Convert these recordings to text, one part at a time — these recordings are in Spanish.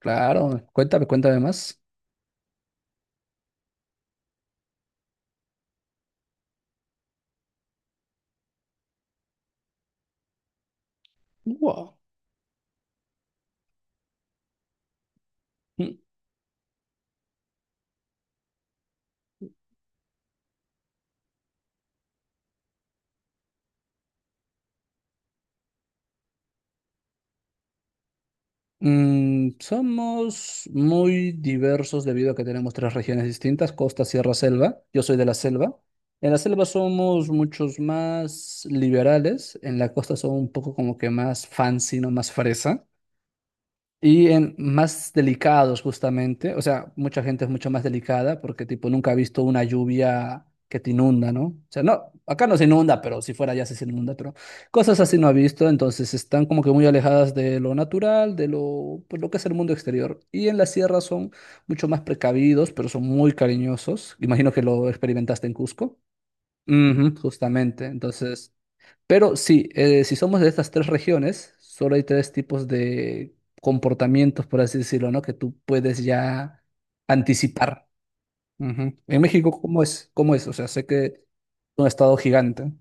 Claro, cuéntame, cuéntame más. Wow. Mm, somos muy diversos debido a que tenemos tres regiones distintas, costa, sierra, selva. Yo soy de la selva. En la selva somos muchos más liberales, en la costa son un poco como que más fancy, no más fresa. Y en más delicados justamente, o sea, mucha gente es mucho más delicada porque tipo nunca ha visto una lluvia que te inunda, ¿no? O sea, no, acá no se inunda, pero si fuera ya sí se inunda, pero cosas así no ha visto, entonces están como que muy alejadas de lo natural, de lo, pues, lo que es el mundo exterior. Y en la sierra son mucho más precavidos, pero son muy cariñosos. Imagino que lo experimentaste en Cusco. Ujú, justamente, entonces... Pero sí, si somos de estas tres regiones, solo hay tres tipos de comportamientos, por así decirlo, ¿no? Que tú puedes ya anticipar. Ujú. En México, ¿cómo es? ¿Cómo es? O sea, sé que es un estado gigante.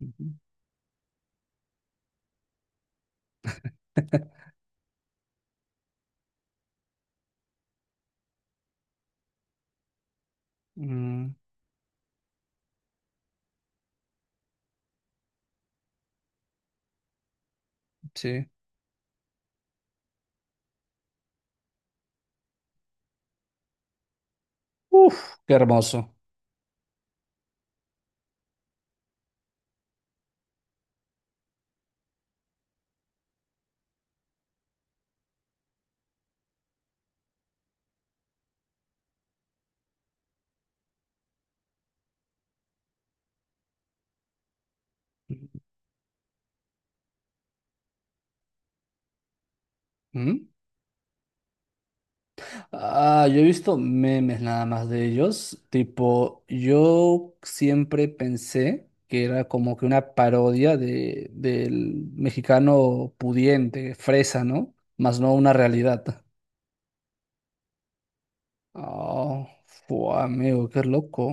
Ujú. Mm, sí. Uf, qué hermoso. Ujú. Ah, yo he visto memes nada más de ellos. Tipo, yo siempre pensé que era como que una parodia de, del mexicano pudiente, fresa, ¿no? Más no una realidad. Oh, fua, amigo, qué loco.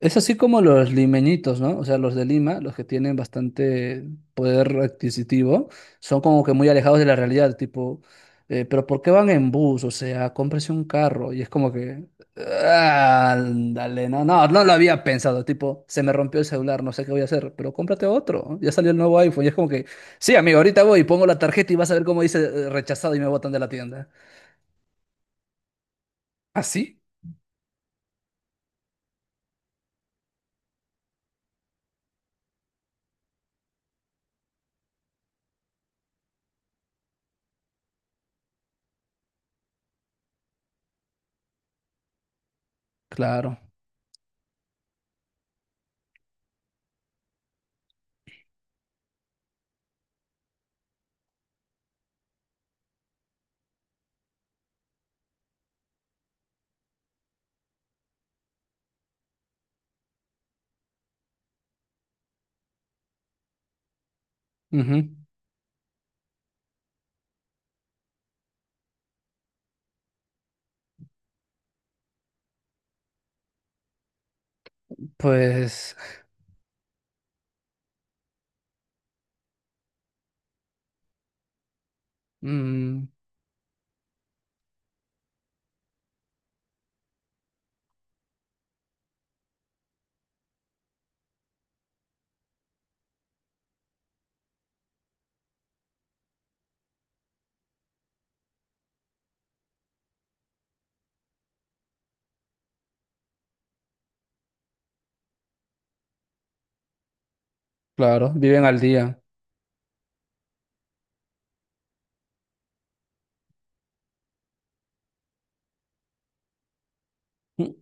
Es así como los limeñitos, ¿no? O sea, los de Lima, los que tienen bastante poder adquisitivo, son como que muy alejados de la realidad, tipo, pero ¿por qué van en bus? O sea, cómprese un carro. Y es como que, "Ah, ándale, no, no, no lo había pensado, tipo, se me rompió el celular, no sé qué voy a hacer, pero cómprate otro. ¿No? Ya salió el nuevo iPhone". Y es como que, sí, amigo, ahorita voy y pongo la tarjeta y vas a ver cómo dice, rechazado, y me botan de la tienda. ¿Ah, sí? Claro. Ujú. Pues, mm, claro, viven al día. Ujú.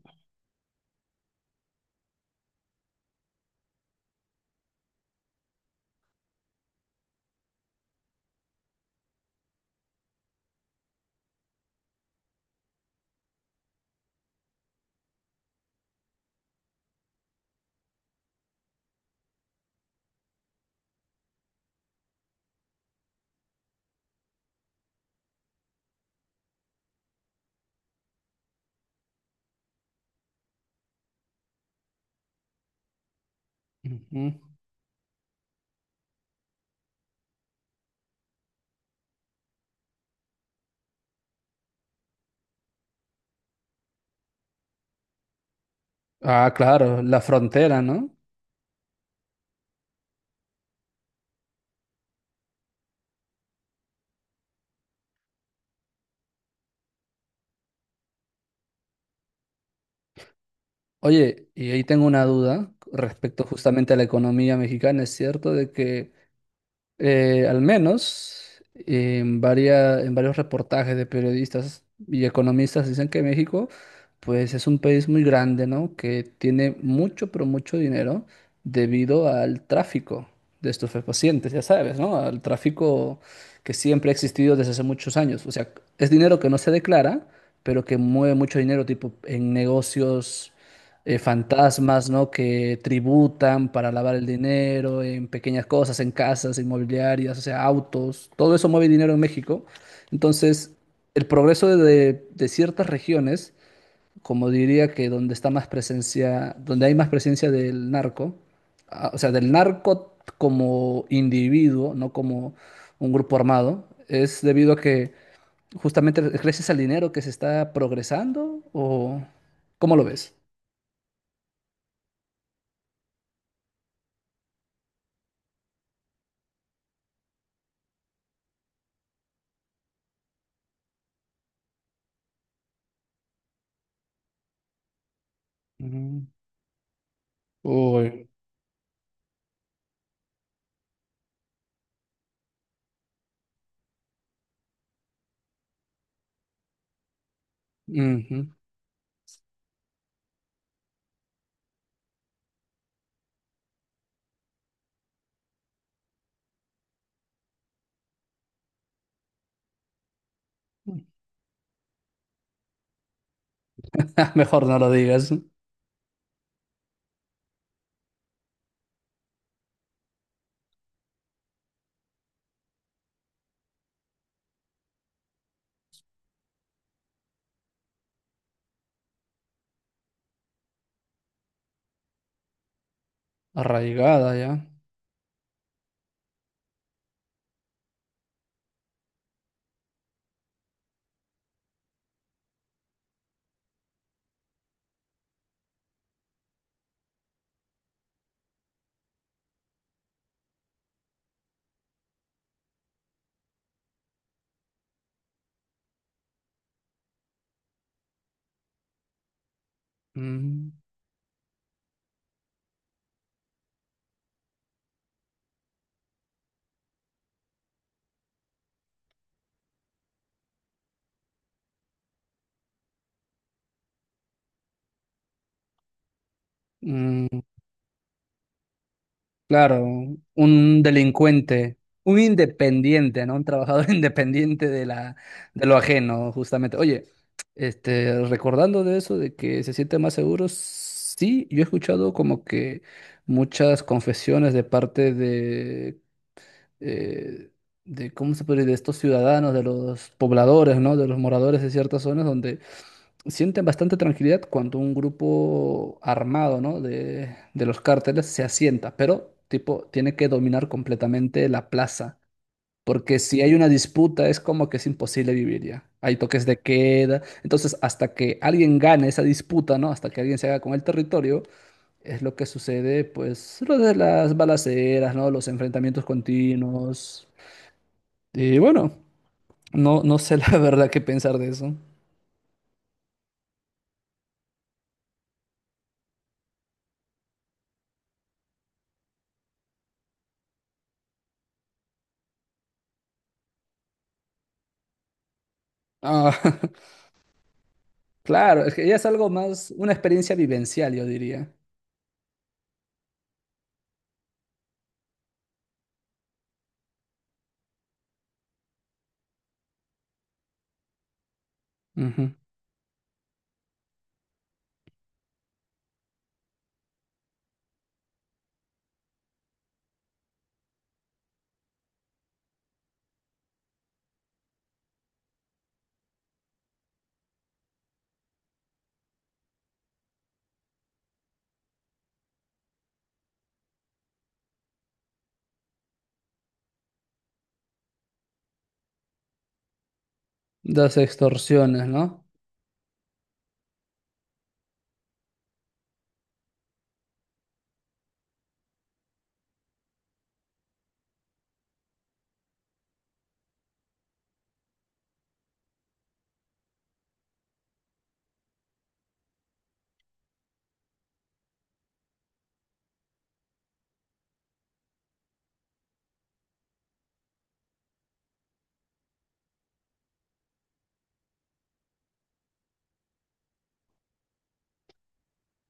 Ah, claro, la frontera, ¿no? Oye, y ahí tengo una duda respecto justamente a la economía mexicana. ¿Es cierto de que al menos en varios reportajes de periodistas y economistas dicen que México, pues, es un país muy grande, ¿no? Que tiene mucho, pero mucho dinero debido al tráfico de estupefacientes, ya sabes, ¿no? Al tráfico que siempre ha existido desde hace muchos años. O sea, es dinero que no se declara, pero que mueve mucho dinero, tipo en negocios fantasmas, ¿no? Que tributan para lavar el dinero en pequeñas cosas, en casas, inmobiliarias, o sea, autos, todo eso mueve dinero en México. Entonces, el progreso de ciertas regiones, como diría que donde está más presencia, donde hay más presencia del narco, o sea, del narco como individuo, no como un grupo armado, es debido a que justamente gracias al dinero que se está progresando, o ¿cómo lo ves? Uy, ujú. Mejor no lo digas. Arraigada ya. Mm, mm, claro, un delincuente, un independiente, ¿no? Un trabajador independiente de la, de lo ajeno, justamente. Oye, este, recordando de eso, de que se siente más seguro, sí, yo he escuchado como que muchas confesiones de parte de, eh, de ¿cómo se puede decir? De estos ciudadanos, de los pobladores, ¿no? De los moradores de ciertas zonas donde sienten bastante tranquilidad cuando un grupo armado, ¿no? de los cárteles se asienta, pero tipo tiene que dominar completamente la plaza, porque si hay una disputa es como que es imposible vivir ya. Hay toques de queda, entonces hasta que alguien gane esa disputa, ¿no? Hasta que alguien se haga con el territorio, es lo que sucede, pues, lo de las balaceras, ¿no? Los enfrentamientos continuos. Y bueno, no, no sé la verdad qué pensar de eso. Ah, claro, es que ya es algo más, una experiencia vivencial, yo diría. Ujú. Las extorsiones, ¿no?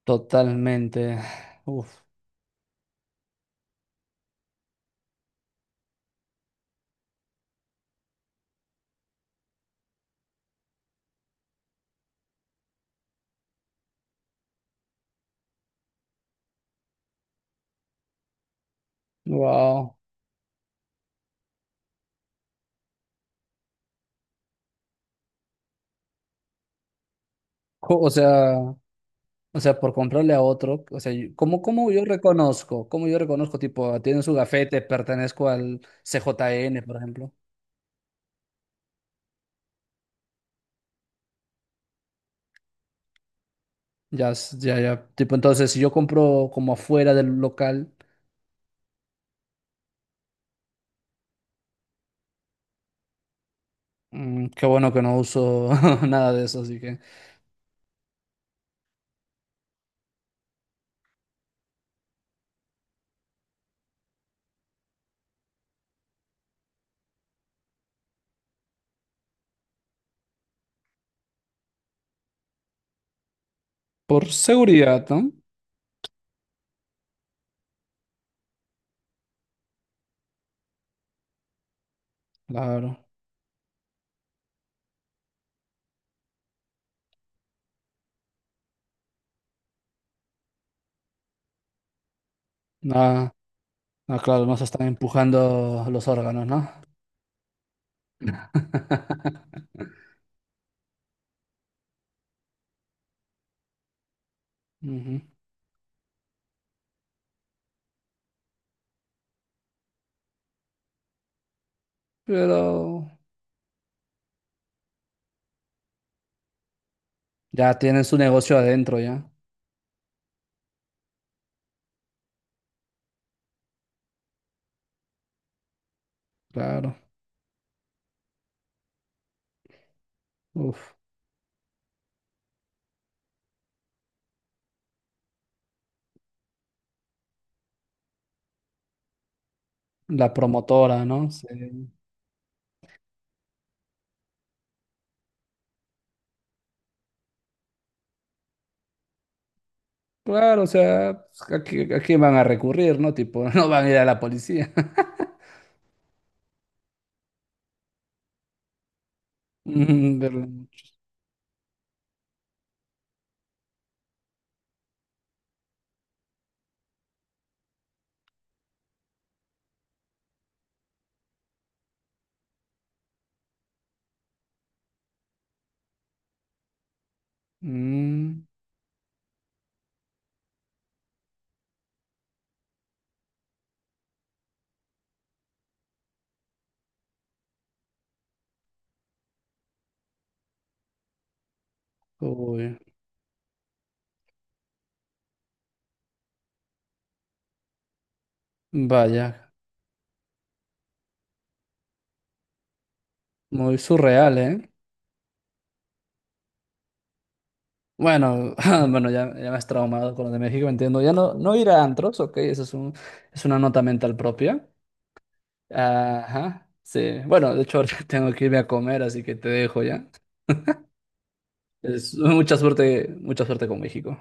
Totalmente. Uf, wow. O sea, por comprarle a otro, o sea, yo- ¿cómo yo reconozco? ¿Cómo yo reconozco, tipo, tiene su gafete, pertenezco al CJN, por ejemplo? Ya, ya, ya. Tipo, entonces, si yo compro como afuera del local, mm, qué bueno que no uso nada de eso, así que. Por seguridad, ¿no? Claro. Nada. Ah, claro, no se están empujando los órganos, ¿no? Ujú. Pero ya tienen su negocio adentro, ya. Claro. Uf. La promotora, ¿no? Sí. Claro, o sea, pues, ¿a quién van a recurrir, no? Tipo, no van a ir a la policía. Mm, pero... Mm, uy, vaya, muy surreal, ¿eh? Bueno, bueno, ya, ya me has traumado con lo de México, entiendo. Ya no, no ir a antros, ok, eso es un, es una nota mental propia. Ajá, sí. Bueno, de hecho, ahorita tengo que irme a comer, así que te dejo ya. Es, mucha suerte con México.